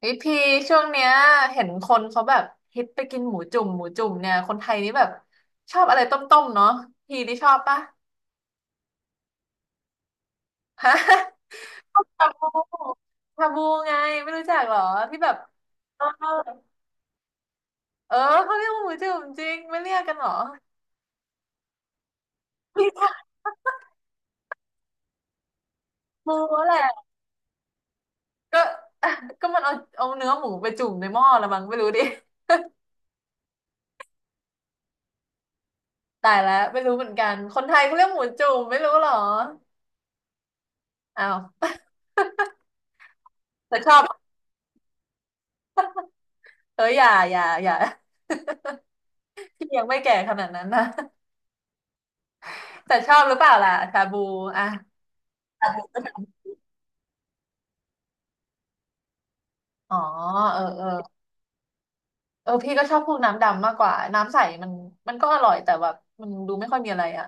พี่พีช่วงเนี้ยเห็นคนเขาแบบฮิตไปกินหมูจุ่มหมูจุ่มเนี่ยคนไทยนี่แบบชอบอะไรต้มๆเนาะพี่นี่ชอบปะฮะ ชอบชาบูชาบูไงไม่รู้จักเหรอที่แบบเออเออเขาเรียกว่าหมูจุ่มจริงไม่เรียกกันเหรอพี่ชาบูแหละก็ ก็มันเอาเนื้อหมูไปจุ่มในหม้อละมั้งไม่รู้ดิตายแล้วไม่รู้เหมือนกันคนไทยเขาเรียกหมูจุ่มไม่รู้เหรออ้าวแต่ชอบเอออย่าอย่าอย่า พี่ยังไม่แก่ขนาดนั้นนะ แต่ชอบหรือเปล่าล่ะชาบูอ่ะอ๋อเออเออเออพี่ก็ชอบพวกน้ำดำมากกว่าน้ำใสมันมันก็อร่อยแต่แบบมันดูไม่ค่อยมีอะไรอ่ะ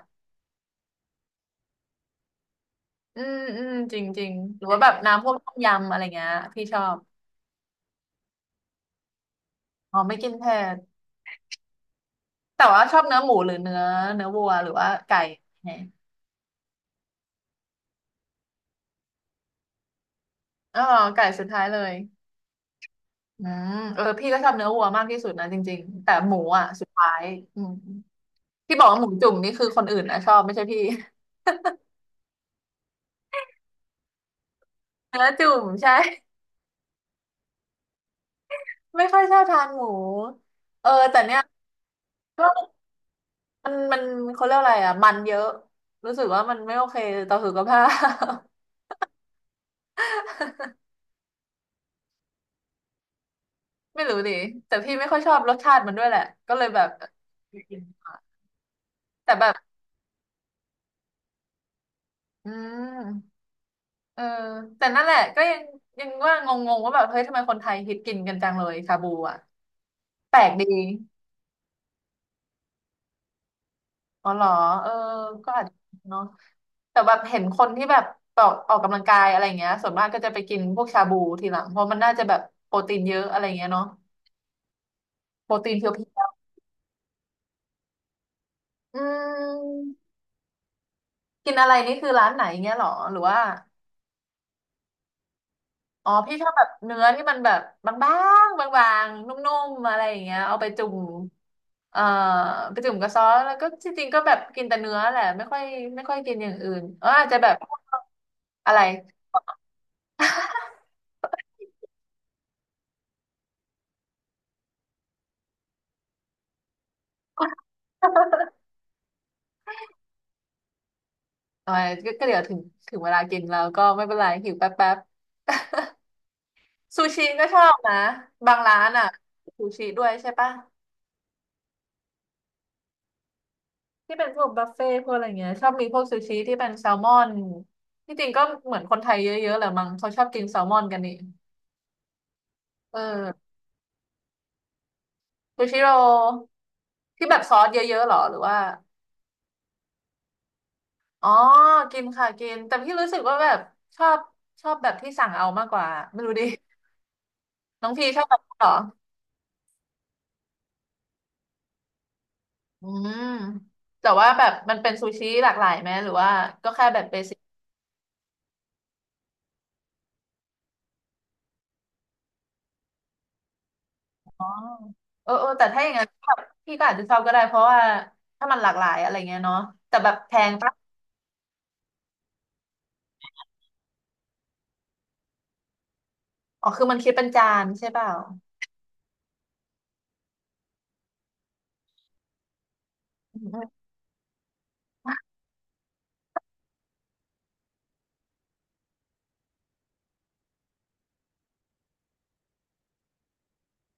อืมอืมจริงจริงหรือว่าแบบน้ำพวกต้มยำอะไรเงี้ยพี่ชอบอ๋อไม่กินเผ็ดแต่ว่าชอบเนื้อหมูหรือเนื้อเนื้อวัวหรือว่าไก่ไงอ๋อไก่สุดท้ายเลยอืมเออพี่ก็ชอบเนื้อวัวมากที่สุดนะจริงๆแต่หมูอ่ะสุดท้ายอืมที่บอกว่าหมูจุ่มนี่คือคนอื่นนะชอบไม่ใช่พี่ เนื้อจุ่มใช่ ไม่ค่อยชอบทานหมูเออแต่เนี้ยก็มันเขาเรียกอะไรอ่ะมันเยอะรู้สึกว่ามันไม่โอเคต่อสุขภาพ ไม่รู้ดิแต่พี่ไม่ค่อยชอบรสชาติมันด้วยแหละก็เลยแบบแต่แบบอืมเออแต่นั่นแหละก็ยังว่างงๆว่าแบบเฮ้ยทำไมคนไทยฮิตกินกันจังเลยชาบูอ่ะแปลกดี อ๋อเหรอเออก็อาจจะเนาะแต่แบบเห็นคนที่แบบออกกำลังกายอะไรเงี้ยส่วนมากก็จะไปกินพวกชาบูทีหลังเพราะมันน่าจะแบบโปรตีนเยอะอะไรเงี้ยเนาะโปรตีนเพียวๆอืมกินอะไรนี่คือร้านไหนเงี้ยเหรอหรือว่าอ๋อพี่ชอบแบบเนื้อที่มันแบบบางๆบางๆนุ่มๆอะไรอย่างเงี้ยเอาไปจุ่มเอ่อไปจุ่มกับซอสแล้วก็จริงๆก็แบบกินแต่เนื้อแหละไม่ค่อยกินอย่างอื่นเอออาจจะแบบอะไร เออยก็เดี๋ยวถึงเวลากินแล้วก็ไม่เป็นไรหิวแป๊บแป๊บ ซูชิก็ชอบนะบางร้านอ่ะซูชิด้วยใช่ปะที่เป็นพวกบุฟเฟ่ต์พวกอะไรเงี้ยชอบมีพวกซูชิที่เป็นแซลมอนที่จริงก็เหมือนคนไทยเยอะๆแหละมั้งเขาชอบกินแซลมอนกันนี่เออซูชิโรที่แบบซอสเยอะๆหรอหรือว่าอ๋อกินค่ะกินแต่พี่รู้สึกว่าแบบชอบแบบที่สั่งเอามากกว่าไม่รู้ดิน้องพีชอบแบบนั้นเหรอ อืมแต่ว่าแบบมันเป็นซูชิหลากหลายไหมหรือว่าก็แค่แบบเบสิกอ๋อเออเออแต่ถ้าอย่างนั้นแบบพี่ก็อาจจะชอบก็ได้เพราะว่าถ้ามันหลากหลายอะไรเงี้ยเนาะแต่แบบแพงปะอ๋อคือมันคิดเป็นจานใช่เปล่าอืม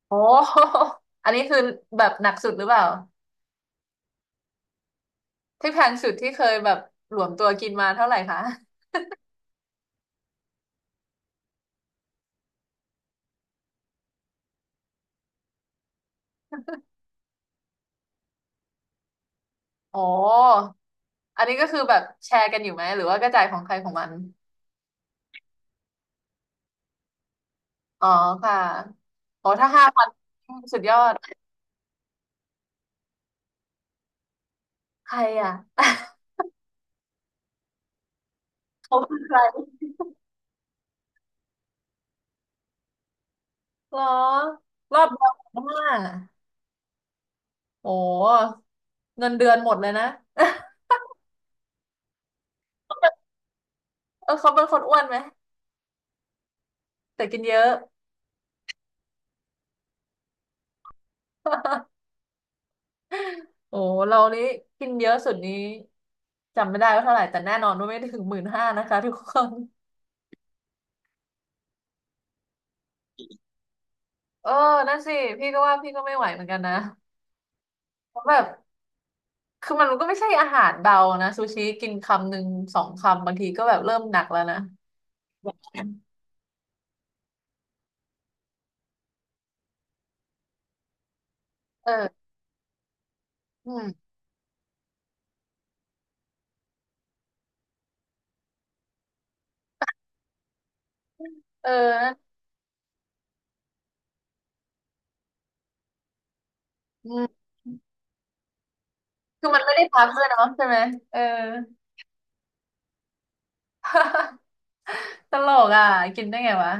โอ้ อันนี้คือแบบหนักสุดหรือเปล่าที่แพงสุดที่เคยแบบหลวมตัวกินมาเท่าไหร่คะโอ้อันนี้ก็คือแบบแชร์กันอยู่ไหมหรือว่ากระจายของใครของมันอ๋อค่ะโอ้ถ้าห้าพันสุดยอดใครอ่ะ เขาคือใครเหรอรอบเดียวหมดหนห้าโอ้เงินเดือนหมดเลยนะ เออเขาเป็นคนอ้วนไหมแต่กินเยอะโอ้เรานี้กินเยอะสุดนี้จำไม่ได้ว่าเท่าไหร่แต่แน่นอนว่าไม่ถึงหมื่นห้านะคะทุกคนเออนั่นสิพี่ก็ว่าพี่ก็ไม่ไหวเหมือนกันนะเพราะแบบคือมันก็ไม่ใช่อาหารเบานะซูชิกินคำหนึ่งสองคำบางทีก็แบบเริ่มหนักแล้วนะเอออืมเอออืมคือมันไม่ได้พักด้วยเนาะใช่ไหมเออ ตลกอ่ะกินได้ไงวะ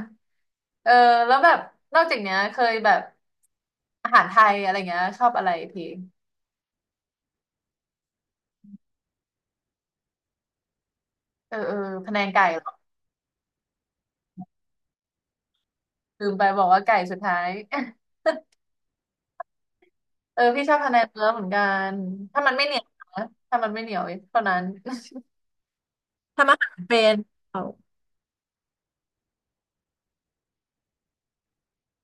เออแล้วแบบนอกจากเนี้ยเคยแบบอาหารไทยอะไรเงี้ยชอบอะไรพี่เออเออพะแนงไก่เหรอลืมไปบอกว่าไก่สุดท้าย เออพี่ชอบพะแนงเนื้อเหมือนกันถ้ามันไม่เหนียวนะถ้ามันไม่เหนียวเท่านั้นทำอาหารเป็นเอา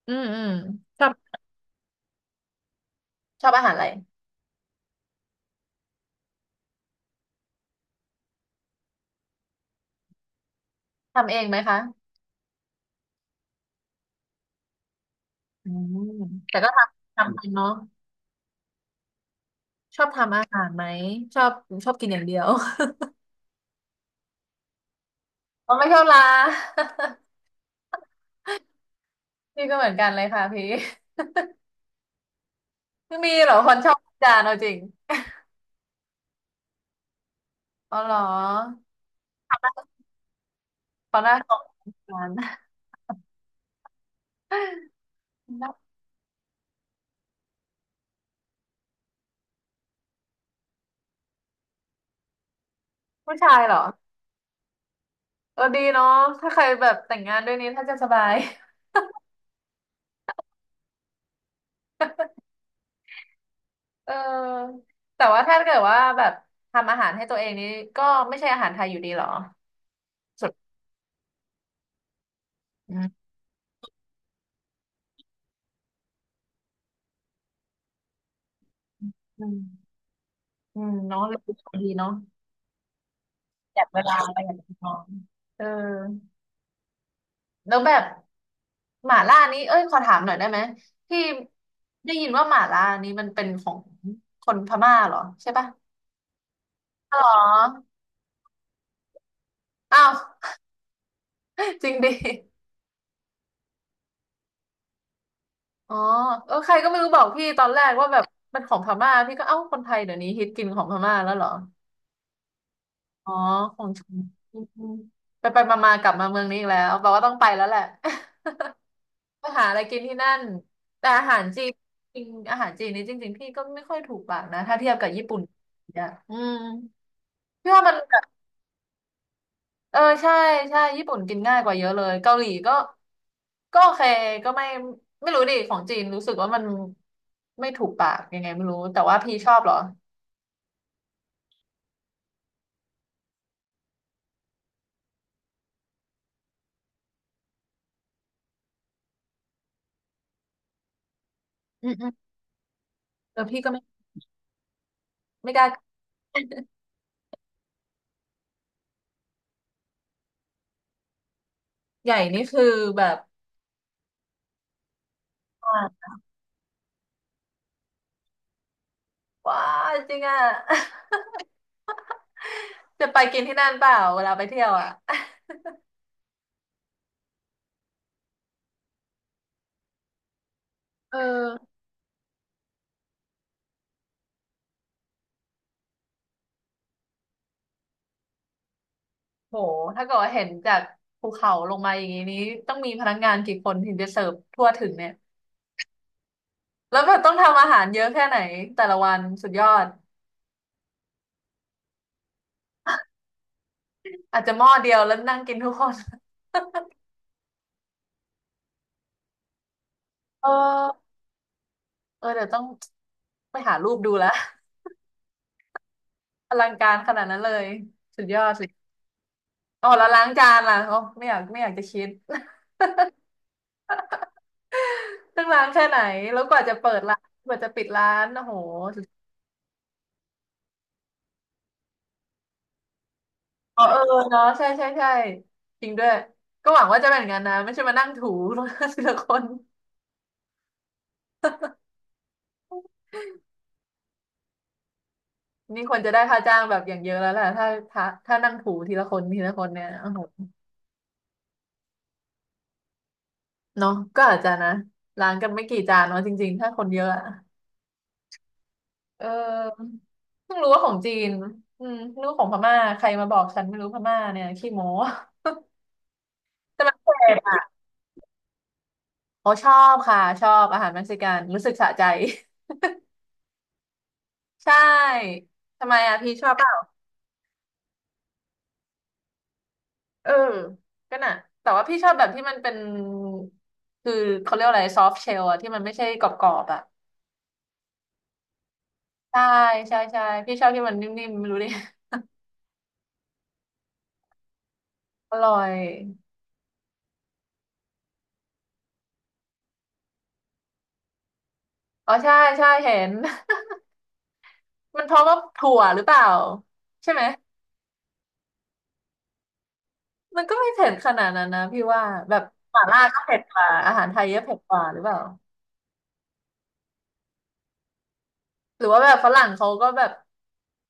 อืมอืมชอบอาหารอะไรทำเองไหมคะอืมแต่ก็ทำเป็นเนาะชอบทำอาหารไหมชอบกินอย่างเดียว อ๋อไม่ชอบลา พี่ก็เหมือนกันเลยค่ะพี่ มีเหรอคนชอบอาจานเอาจริงอ๋อเหรอเขาหน้าตรงกัน ผู้ชายเหรอเออดีเนาะถ้าใครแบบแต่งงานด้วยนี้ถ้าจะสบาย เออแต่ว่าถ้าเกิดว่าแบบทำอาหารให้ตัวเองนี้ก็ไม่ใช่อาหารไทยอยู่ดีเหรอสุดอืมอืมอืมเนาะรู้สึกดีเนาะอยากเวลาอะไรอย่างเงี้ยเนาะเออ แล้วแบบหม่าล่านี้เอ้ยขอถามหน่อยได้ไหมที่ได้ยินว่าหม่าล่านี้มันเป็นของคนพม่าเหรอใช่ปะอ๋ออ้าว จริงดิอ๋อเออใครก็ไม่รู้บอกพี่ตอนแรกว่าแบบมันของพม่าพี่ก็เอ้าคนไทยเดี๋ยวนี้ฮิตกินของพม่าแล้วเหรออ๋อของจริงไปไปมาๆกลับมาเมืองนี้อีกแล้วแปลว่าต้องไปแล้วแหละ ไปหาอะไรกินที่นั่นแต่อาหารจีนจริงอาหารจีนนี่จริงๆพี่ก็ไม่ค่อยถูกปากนะถ้าเทียบกับญี่ปุ่นเนี่ยอืมพี่ว่ามันแบบเออใช่ใช่ญี่ปุ่นกินง่ายกว่าเยอะเลยเกาหลีก็ก็โอเคก็ไม่ไม่รู้ดิของจีนรู้สึกว่ามันไม่ถูกปากยังไงไม่รู้แต่ว่าพี่ชอบเหรออืมอืมเออพี่ก็ไม่ไม่กล้าใหญ่นี่คือแบบอ่าว้าจริงอ่ะ จะไปกินที่นั่นเปล่าเวลาไปเที่ยวอ่ะเออ โหถ้าเกิดว่าเห็นจากภูเขาลงมาอย่างนี้นี้ต้องมีพนักงานกี่คนถึงจะเสิร์ฟทั่วถึงเนี่ยแล้วแบบต้องทำอาหารเยอะแค่ไหนแต่ละวันสุดยอดอาจจะหม้อเดียวแล้วนั่งกินทุกคนเออเออเดี๋ยวต้องไปหารูปดูละอลังการขนาดนั้นเลยสุดยอดสิอ๋อแล้วล้างจานล่ะอ๋อไม่อยากไม่อยากจะคิด ต้องล้างแค่ไหนแล้วกว่าจะเปิดร้านกว่าจะปิดร้านโอ้โหสุดอ๋อเออเนาะใช่ใช่ใช่จริงด้วยก็หวังว่าจะเป็นอย่างนั้นนะไม่ใช่มานั่งถู ทีละคน นี่ควรจะได้ค่าจ้างแบบอย่างเยอะแล้วแหละถ้าถ้านั่งถูทีละคนทีละคนเนี่ยโอ้โหเนาะก็อาจจะนะล้างกันไม่กี่จานเนาะจริงๆถ้าคนเยอะอะเออเพิ่งรู้ว่าของจีนอืมเพิ่งรู้ของพม่าใครมาบอกฉันไม่รู้พม่าเนี่ยขี้โม้แต่มันเผ็ดอ่ะโอ้ชอบค่ะชอบอาหารเม็กซิกันรู้สึกสะใจ ใช่ทำไมอ่ะพี่ชอบเปล่าเออก็น่ะแต่ว่าพี่ชอบแบบที่มันเป็นคือเขาเรียกว่าอะไรซอฟต์เชลอะที่มันไม่ใช่กรอบๆอะ ใช่ใช่ใช่พี่ชอบที่มันนิ่มๆไม่รู้ดิอร่อยอ๋อใช่ใช่เห็น มันเพราะว่าถั่วหรือเปล่าใช่ไหมมันก็ไม่เผ็ดขนาดนั้นนะพี่ว่าแบบหม่าล่าก็เผ็ดกว่าอาหารไทยก็เผ็ดกว่าหรือเปล่าหรือว่าแบบฝรั่งเขาก็แบบ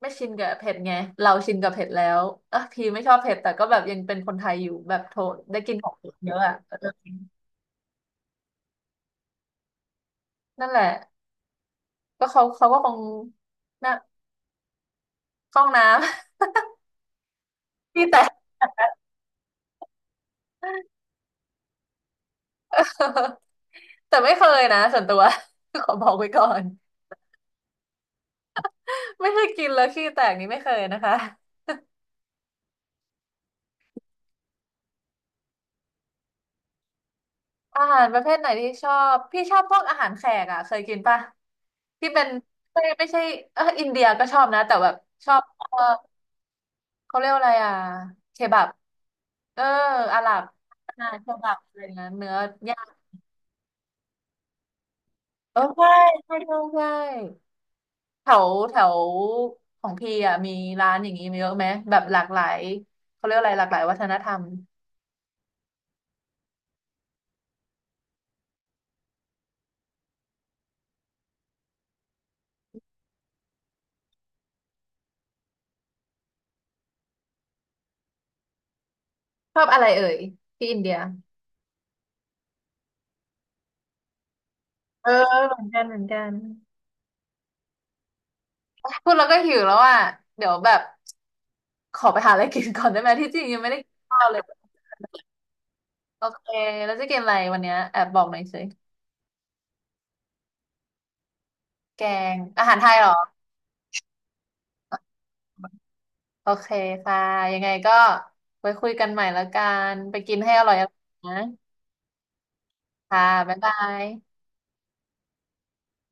ไม่ชินกับเผ็ดไงเราชินกับเผ็ดแล้วอ่ะพี่ไม่ชอบเผ็ดแต่ก็แบบยังเป็นคนไทยอยู่แบบโทษได้กินของเยอะอ่ะเออนั่นแหละก็เขาก็คงน่ะเข้าห้องน้ำ พี่แต่ แต่ไม่เคยนะส่วนตัว ขอบอกไว้ก่อนไม่เคยกินแล้วขี้แตกนี้ไม่เคยนะคะอาหารประเภทไหนที่ชอบพี่ชอบพวกอาหารแขกอ่ะเคยกินปะที่เป็นไม่ไม่ใช่เอออินเดียก็ชอบนะแต่แบบชอบเออเขาเรียกว่าอะไรอ่ะเคบับเอออาหรับอาหารเคบับอะไรนย่า้ยเนื้อย่างเออใช่ใช่ใช่ใช่แถวแถวของพี่อ่ะมีร้านอย่างนี้มีเยอะไหมแบบหลากหลายเขาเรียกว่าอะไรหลากหลายวัฒนธรรมชอบอะไรเอ่ยที่อินเดีย เออเหมือนกันเหมือนกันพูดแล้วก็หิวแล้วอ่ะเดี๋ยวแบบขอไปหาอะไรกินก่อนได้ไหมที่จริงยังไม่ได้กินข้าวเลยโอเคแล้วจะกินอะไรวันเนี้ยแอบบอกหน่อยสิแกงอาหารไทยเหรอโอเคค่ะยังไงก็ไว้คุยกันใหม่แล้วกันไปกินให้อร่อยๆนะค่ะบ๊ายบาย